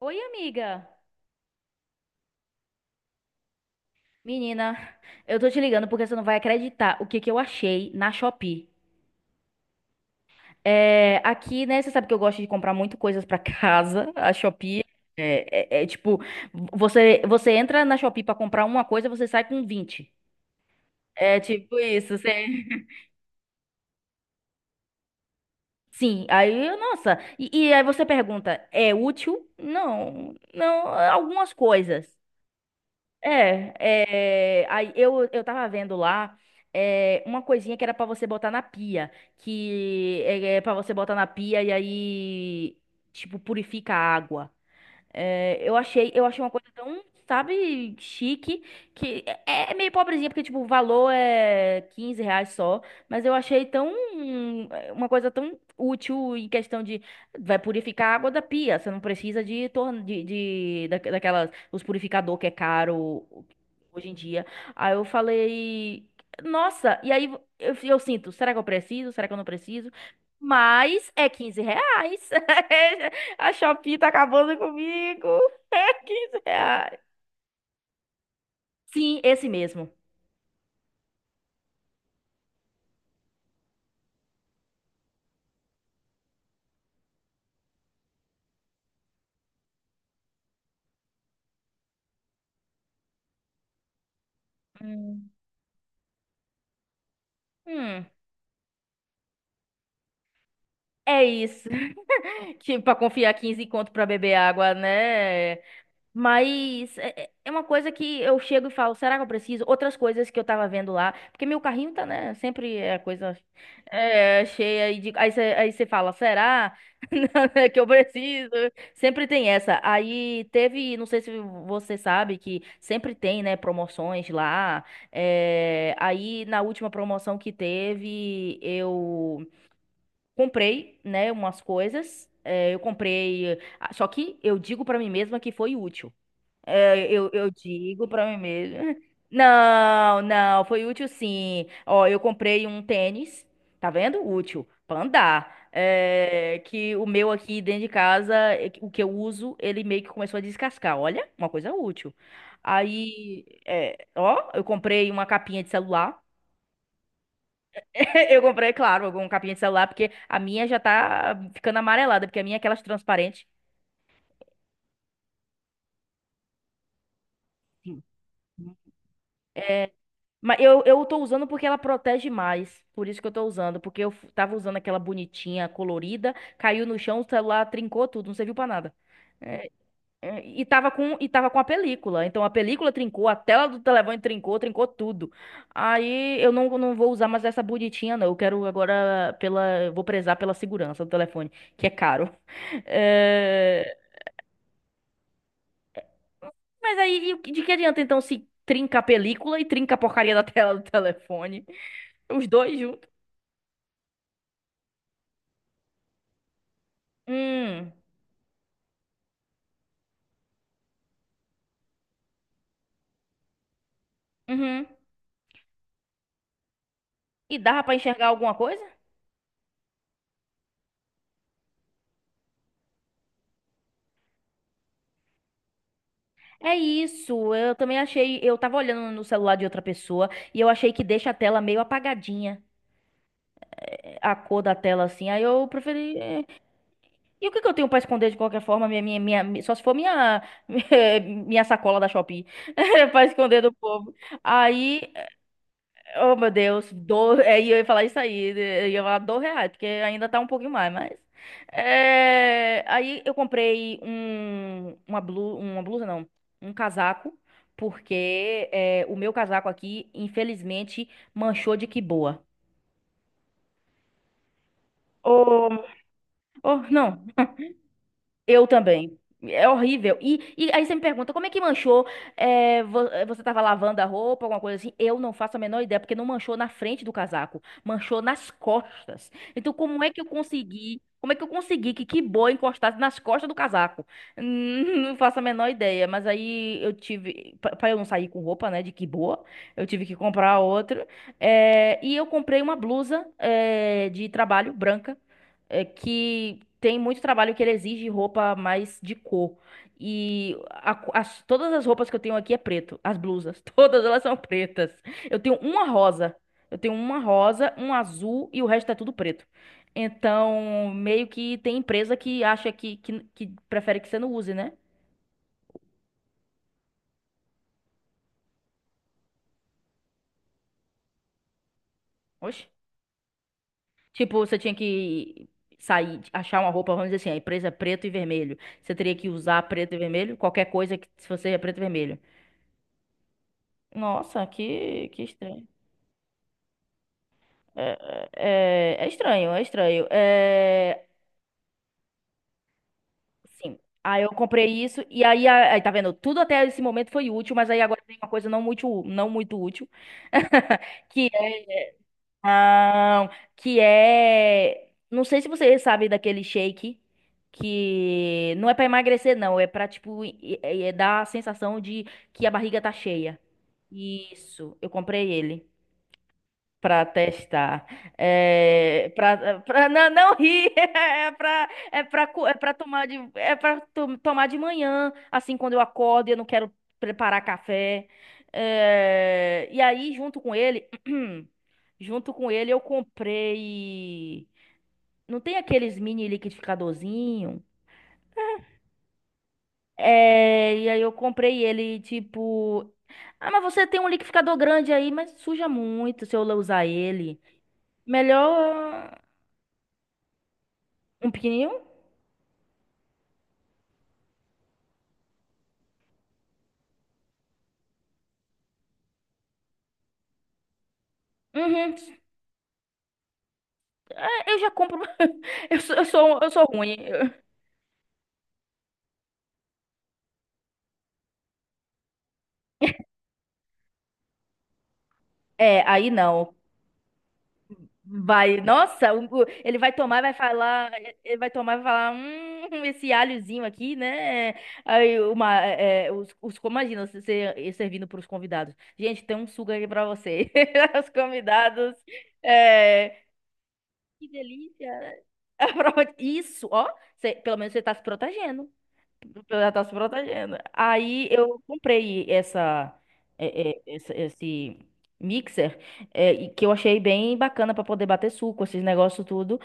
Oi, amiga. Menina, eu tô te ligando porque você não vai acreditar o que que eu achei na Shopee. É, aqui, né, você sabe que eu gosto de comprar muito coisas pra casa. A Shopee é tipo, você entra na Shopee pra comprar uma coisa, você sai com 20. É tipo isso, você... Sim, aí, nossa, e aí você pergunta, é útil? Não, não, algumas coisas. É, Aí eu tava vendo lá uma coisinha que era pra você botar na pia, que é para você botar na pia e aí, tipo, purifica a água. É, eu achei uma coisa tão, sabe, chique, que é meio pobrezinha, porque, tipo, o valor é R$ 15 só, mas eu achei tão, uma coisa tão útil em questão de, vai purificar a água da pia, você não precisa de daquelas, os purificador que é caro hoje em dia. Aí eu falei, nossa, e aí eu sinto, será que eu preciso, será que eu não preciso? Mas é R$ 15. A Shopee tá acabando comigo. Quinze reais. Sim, esse mesmo. Hum. Hum, é isso. Que pra confiar 15 conto pra beber água, né? Mas é uma coisa que eu chego e falo, será que eu preciso? Outras coisas que eu tava vendo lá, porque meu carrinho tá, né, sempre é coisa cheia e de, aí você fala, será que eu preciso? Sempre tem essa. Aí teve, não sei se você sabe que sempre tem, né, promoções lá. É, aí na última promoção que teve, eu comprei, né, umas coisas. É, eu comprei, só que eu digo pra mim mesma que foi útil. Eu digo pra mim mesma. Não, não, foi útil sim. Ó, eu comprei um tênis, tá vendo? Útil, pra andar. É, que o meu aqui dentro de casa, o que eu uso, ele meio que começou a descascar. Olha, uma coisa útil. Aí, é, ó, eu comprei uma capinha de celular. Eu comprei, claro, uma capinha de celular, porque a minha já tá ficando amarelada, porque a minha é aquelas transparentes. Mas eu tô usando porque ela protege mais. Por isso que eu tô usando. Porque eu tava usando aquela bonitinha, colorida, caiu no chão, o celular trincou tudo, não serviu pra nada. E tava com a película. Então a película trincou, a tela do telefone trincou, trincou tudo. Aí eu não vou usar mais essa bonitinha, não. Eu quero agora pela. Vou prezar pela segurança do telefone, que é caro. É, Mas aí, e de que adianta então se trinca a película e trinca a porcaria da tela do telefone? Os dois juntos. Hum. Uhum. E dava pra enxergar alguma coisa? É isso, eu também achei, eu tava olhando no celular de outra pessoa e eu achei que deixa a tela meio apagadinha, a cor da tela assim. Aí eu preferi, e o que que eu tenho pra esconder de qualquer forma, só se for minha minha sacola da Shopee, pra esconder do povo. Aí, oh, meu Deus, e eu ia falar isso aí, eu ia falar R$ 2, porque ainda tá um pouquinho mais, mas... Aí eu comprei um, uma blu uma blusa não, um casaco, porque o meu casaco aqui, infelizmente, manchou de que boa. Oh, oh, não. Eu também. É horrível. E aí você me pergunta, como é que manchou? Você tava lavando a roupa, alguma coisa assim? Eu não faço a menor ideia, porque não manchou na frente do casaco, manchou nas costas. Então, como é que eu consegui? Como é que eu consegui que boa encostasse nas costas do casaco? Hum. Não faço a menor ideia, mas aí eu tive, pra eu não sair com roupa, né, de que boa, eu tive que comprar outra. E eu comprei uma blusa, de trabalho branca que tem muito trabalho que ele exige roupa mais de cor. E todas as roupas que eu tenho aqui é preto. As blusas, todas elas são pretas. Eu tenho uma rosa. Eu tenho uma rosa, um azul e o resto é tudo preto. Então, meio que tem empresa que acha que prefere que você não use, né? Oxe. Tipo, você tinha que sair, achar uma roupa, vamos dizer assim, a empresa é preto e vermelho. Você teria que usar preto e vermelho, qualquer coisa que se você é preto e vermelho. Nossa, que estranho. É estranho, é estranho. É, sim. Aí eu comprei isso e aí, aí tá vendo, tudo até esse momento foi útil, mas aí agora tem uma coisa não muito útil, que é, não, não sei se você sabe daquele shake que não é pra emagrecer não, é pra tipo dar a sensação de que a barriga tá cheia. Isso, eu comprei ele para testar. É para não rir. É para tomar de manhã, assim, quando eu acordo e eu não quero preparar café. É, e aí, junto com ele, junto com ele, eu comprei. Não tem aqueles mini liquidificadorzinho? É, e aí eu comprei ele, tipo. Ah, mas você tem um liquidificador grande aí, mas suja muito se eu usar ele. Melhor. Um pequenininho? Uhum. É, eu já compro. Eu sou ruim. É, aí não. Vai, nossa, ele vai tomar e vai falar, esse alhozinho aqui, né? Aí uma, é, os, imagina você servindo para os convidados. Gente, tem um suco aqui para você. Os convidados, é, que delícia. Isso, ó, pelo menos você tá se protegendo. Ela tá se protegendo. Aí eu comprei essa, é, é, essa- esse mixer, e que eu achei bem bacana pra poder bater suco, esses negócios tudo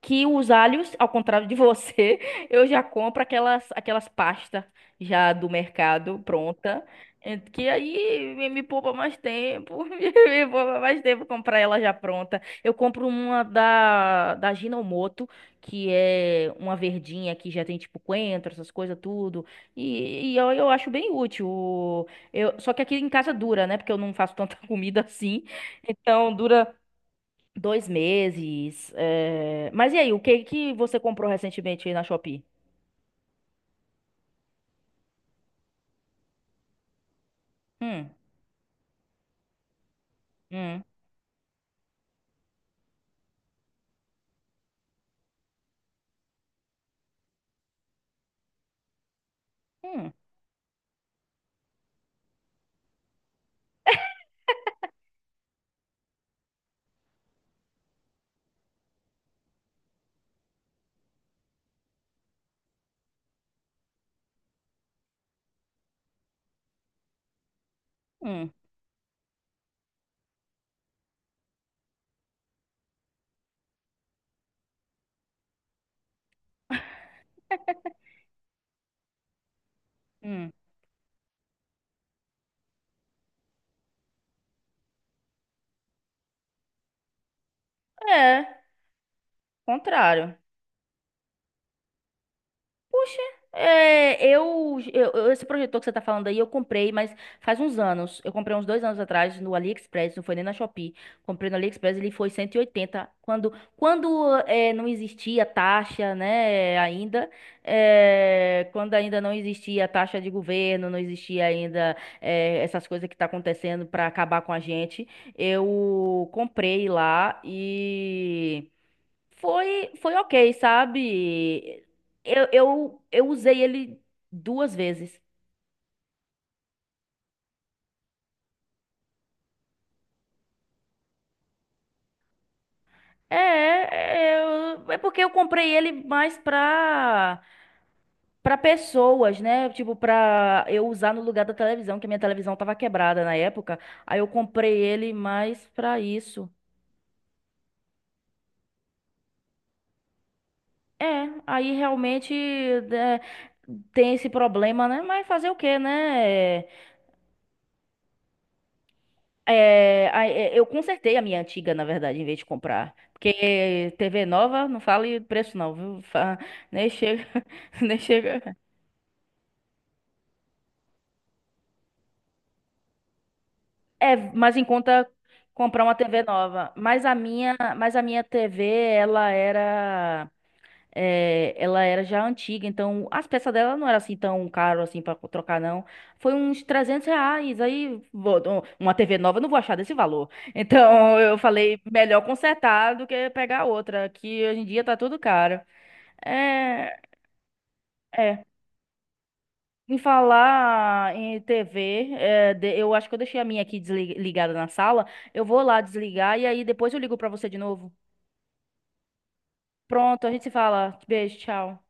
que os alhos, ao contrário de você, eu já compro aquelas pastas já do mercado pronta, que aí me poupa mais tempo, me poupa mais tempo comprar ela já pronta. Eu compro uma da Ginomoto, que é uma verdinha que já tem tipo coentro, essas coisas tudo, e eu acho bem útil. Eu, só que aqui em casa dura, né? Porque eu não faço tanta comida assim, então dura dois meses. Mas e aí, o que que você comprou recentemente aí na Shopee? Hum, hum, hum, hum, hum. É, contrário. Poxa, esse projetor que você tá falando aí, eu comprei, mas faz uns anos. Eu comprei uns 2 anos atrás no AliExpress, não foi nem na Shopee. Comprei no AliExpress, ele foi 180. Quando não existia taxa, né, ainda, quando ainda não existia taxa de governo, não existia ainda essas coisas que tá acontecendo para acabar com a gente, eu comprei lá e... Foi ok, sabe? Eu usei ele duas vezes. É, porque eu comprei ele mais pra pessoas, né? Tipo, pra eu usar no lugar da televisão, que a minha televisão tava quebrada na época. Aí eu comprei ele mais pra isso. É, aí realmente né, tem esse problema, né? Mas fazer o quê, né? É, eu consertei a minha antiga, na verdade, em vez de comprar. Porque TV nova, não fale preço não, viu? Nem chega, nem chega. É, mas em conta comprar uma TV nova. Mas a minha TV, ela era já antiga, então as peças dela não era assim tão caro assim para trocar, não. Foi uns R$ 300. Aí, uma TV nova, eu não vou achar desse valor. Então eu falei, melhor consertar do que pegar outra, que hoje em dia tá tudo caro. É, é. Em falar em TV, eu acho que eu deixei a minha aqui ligada na sala. Eu vou lá desligar e aí depois eu ligo pra você de novo. Pronto, a gente se fala. Beijo, tchau.